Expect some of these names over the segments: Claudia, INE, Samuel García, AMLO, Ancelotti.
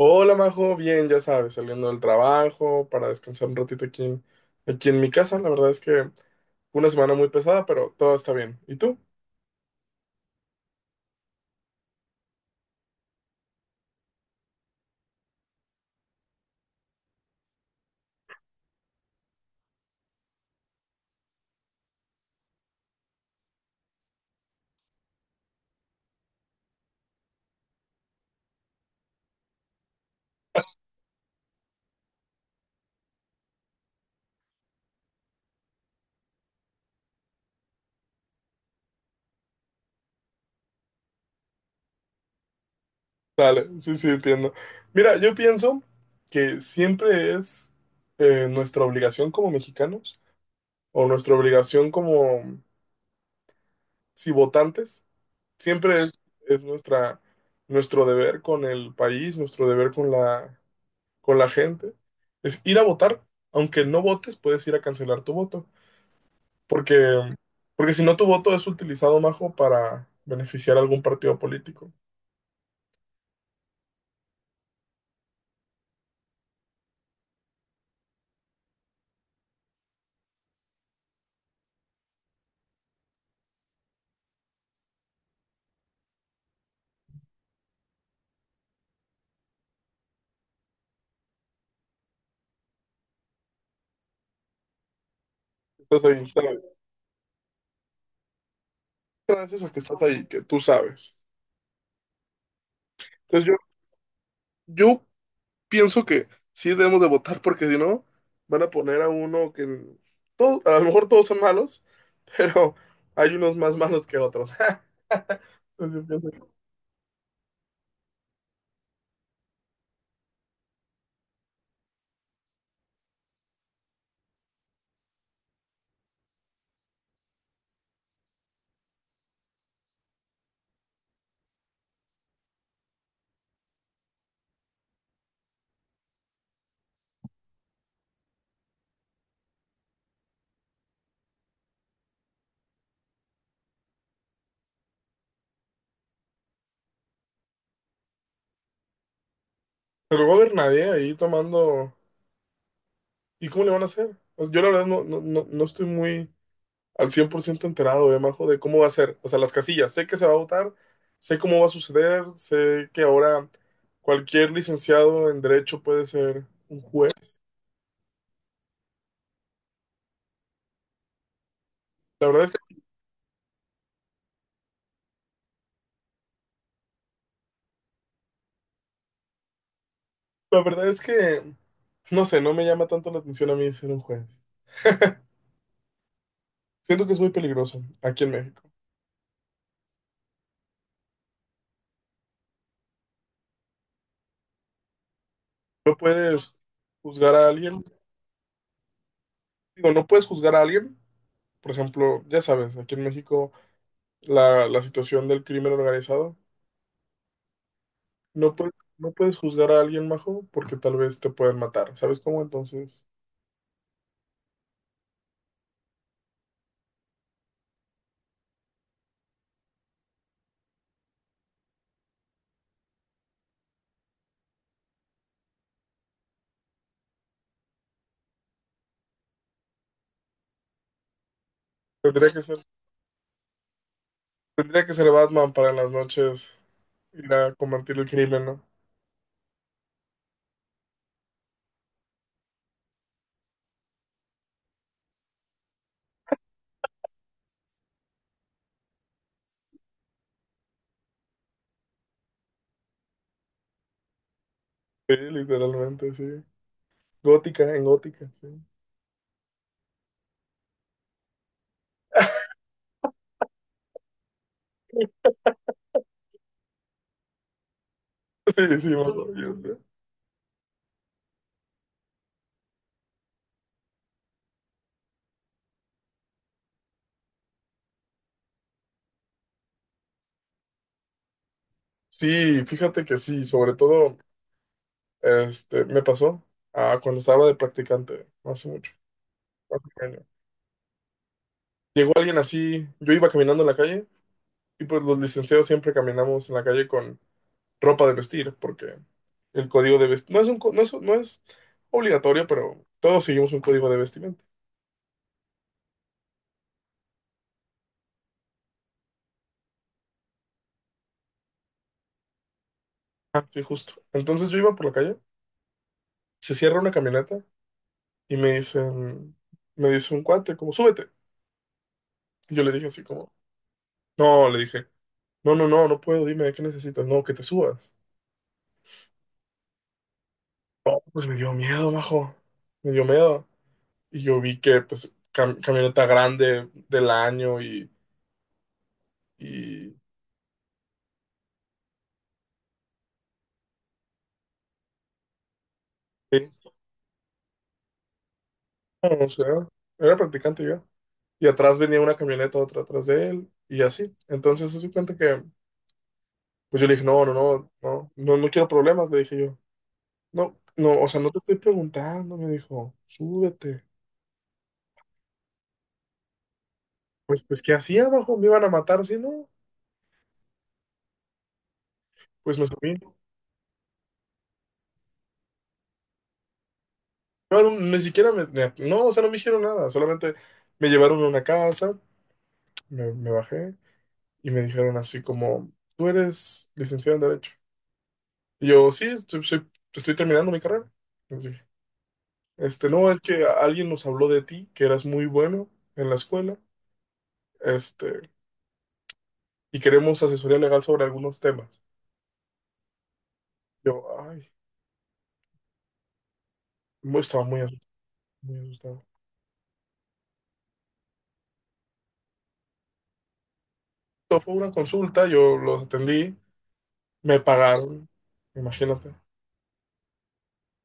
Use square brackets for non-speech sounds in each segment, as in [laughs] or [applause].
Hola, Majo, bien, ya sabes, saliendo del trabajo para descansar un ratito aquí en mi casa. La verdad es que fue una semana muy pesada, pero todo está bien. ¿Y tú? Dale, sí, entiendo. Mira, yo pienso que siempre es nuestra obligación como mexicanos o nuestra obligación como, sí, votantes. Siempre es, es nuestra, nuestro deber con el país, nuestro deber con con la gente. Es ir a votar. Aunque no votes, puedes ir a cancelar tu voto. Porque, porque si no, tu voto es utilizado, Majo, para beneficiar a algún partido político. Estás ahí, sabes. Gracias a que estás ahí, que tú sabes. Entonces yo, yo pienso que sí debemos de votar porque si no, van a poner a uno que... Todo, a lo mejor todos son malos, pero hay unos más malos que otros. [laughs] Entonces yo pienso que- Pero no va a haber nadie ahí tomando... ¿Y cómo le van a hacer? O sea, yo la verdad no estoy muy al 100% enterado, Majo, de cómo va a ser. O sea, las casillas. Sé que se va a votar, sé cómo va a suceder, sé que ahora cualquier licenciado en derecho puede ser un juez. La verdad es que, la verdad es que, no sé, no me llama tanto la atención a mí ser un juez. [laughs] Siento que es muy peligroso aquí en México. No puedes juzgar a alguien, digo, no puedes juzgar a alguien. Por ejemplo, ya sabes, aquí en México la situación del crimen organizado. No puedes juzgar a alguien, majo, porque tal vez te pueden matar. ¿Sabes cómo? Entonces, tendría que ser, tendría que ser Batman para en las noches ir a combatir el crimen, ¿no? Sí, literalmente, sí. Gótica, en gótica, sí. [laughs] Sí, sí, majo, yo sé. Sí, fíjate que sí, sobre todo, me pasó cuando estaba de practicante, no hace mucho, hace 1 año. Llegó alguien así, yo iba caminando en la calle, y pues los licenciados siempre caminamos en la calle con ropa de vestir, porque el código de vestir no es un, no es obligatorio, pero todos seguimos un código de vestimenta. Ah, sí, justo. Entonces yo iba por la calle, se cierra una camioneta y me dicen, me dice un cuate, como, súbete. Y yo le dije así como, no, le dije, no puedo, dime, ¿qué necesitas? No, que te subas. Pues me dio miedo, majo. Me dio miedo. Y yo vi que, pues, camioneta grande del año y, y- o sea, era practicante yo. Y atrás venía una camioneta, otra atrás de él, y así. Entonces se dio cuenta que, pues yo le dije, no quiero problemas, le dije yo. No, o sea, no te estoy preguntando, me dijo, súbete. Pues, pues, ¿qué hacía abajo? ¿Me iban a matar si no? Pues me subí. No, no, ni siquiera no, o sea, no me hicieron nada, solamente me llevaron a una casa, me bajé y me dijeron así como, tú eres licenciado en Derecho. Y yo, sí, estoy terminando mi carrera. No, es que alguien nos habló de ti, que eras muy bueno en la escuela, este, y queremos asesoría legal sobre algunos temas. Yo, ay, estaba muy asustado, muy asustado. Esto fue una consulta, yo los atendí, me pagaron, imagínate,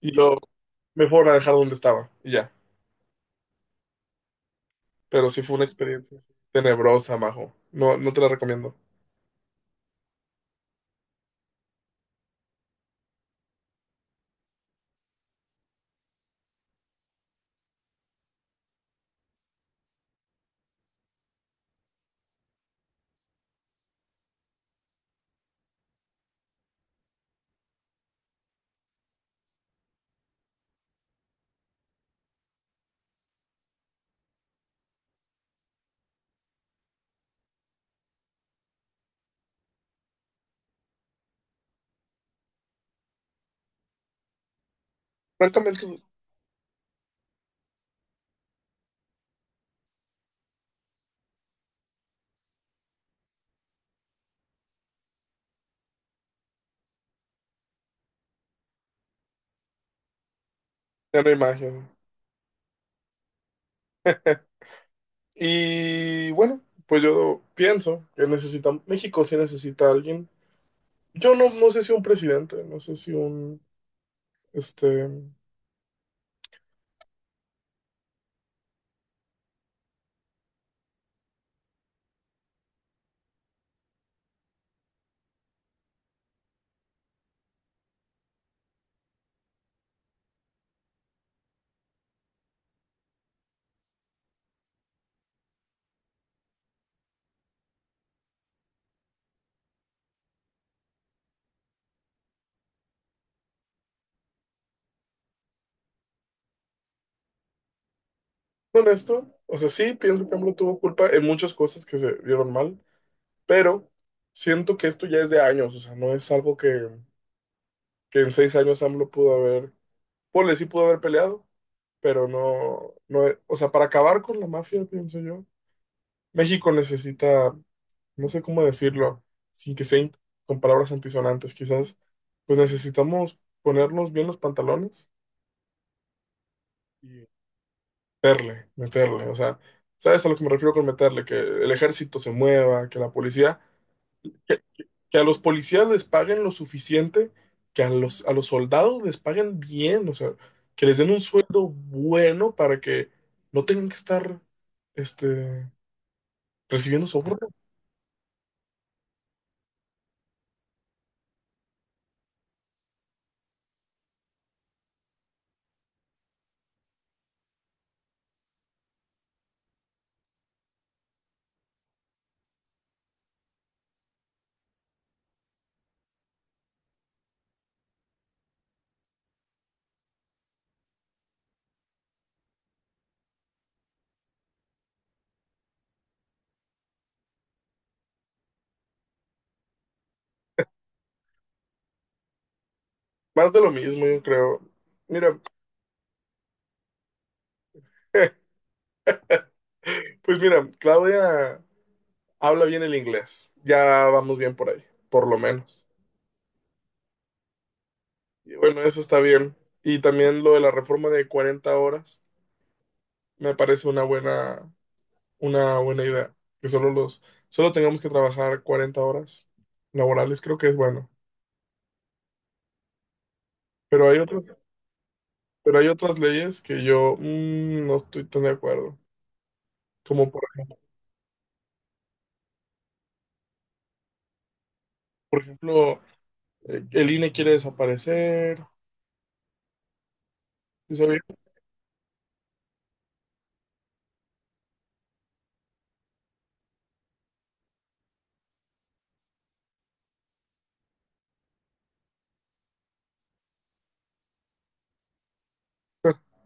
y luego me fueron a dejar donde estaba, y ya. Pero sí fue una experiencia sí, tenebrosa, majo. No, no te la recomiendo. Francamente, ya no hay magia. Y bueno, pues yo pienso que necesita, México sí necesita a alguien. Yo no, no sé si un presidente, no sé si un, este, honesto. O sea, sí, pienso que AMLO tuvo culpa en muchas cosas que se dieron mal, pero siento que esto ya es de años, o sea, no es algo que en 6 años AMLO pudo haber, ponle, sí pudo haber peleado, pero no, no, o sea, para acabar con la mafia, pienso yo, México necesita, no sé cómo decirlo, sin que sea in- con palabras antisonantes, quizás, pues necesitamos ponernos bien los pantalones. Meterle, o sea, ¿sabes a lo que me refiero con meterle? Que el ejército se mueva, que la policía, que, que a los policías les paguen lo suficiente, que a a los soldados les paguen bien, o sea, que les den un sueldo bueno para que no tengan que estar, este, recibiendo soborno. Más de lo mismo, yo creo. Mira, [laughs] pues mira, Claudia habla bien el inglés, ya vamos bien por ahí, por lo menos. Y bueno, eso está bien. Y también lo de la reforma de 40 horas me parece una buena idea. Que solo tengamos que trabajar 40 horas laborales, creo que es bueno. Pero hay otras, pero hay otras leyes que yo no estoy tan de acuerdo. Como por ejemplo, el INE quiere desaparecer. ¿Sí sabías? [laughs]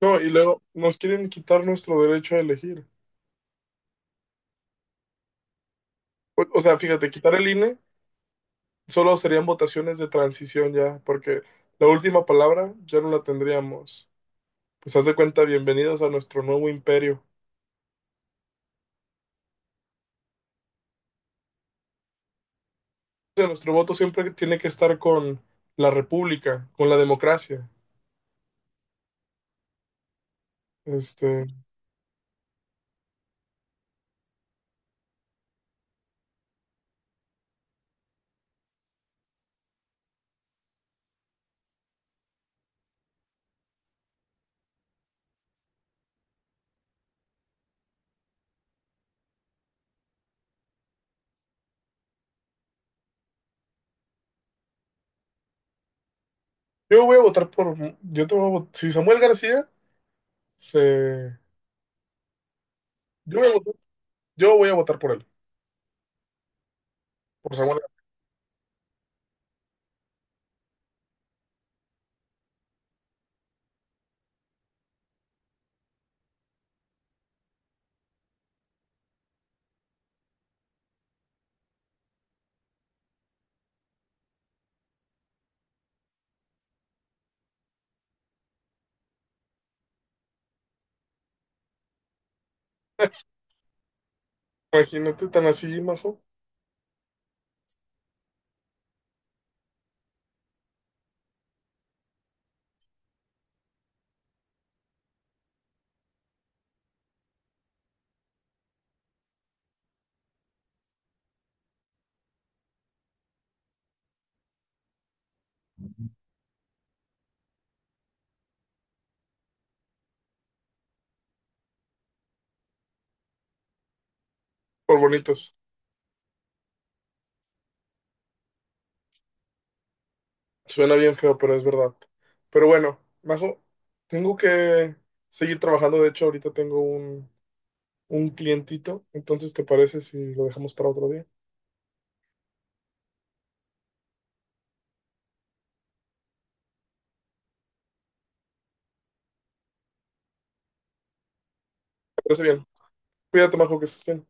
No, y luego nos quieren quitar nuestro derecho a elegir. O sea, fíjate, quitar el INE. Solo serían votaciones de transición ya, porque la última palabra ya no la tendríamos. Pues haz de cuenta, bienvenidos a nuestro nuevo imperio. O sea, nuestro voto siempre tiene que estar con la república, con la democracia. Este, yo voy a votar por, yo te voy a vot- si Samuel García se, yo voy a votar, yo voy a votar por él, por Samuel. García. Imagínate tan así, Majo, por bonitos. Suena bien feo, pero es verdad. Pero bueno, Majo, tengo que seguir trabajando. De hecho, ahorita tengo un clientito. Entonces, ¿te parece si lo dejamos para otro día? ¿Te parece bien? Cuídate, Majo, que estés bien.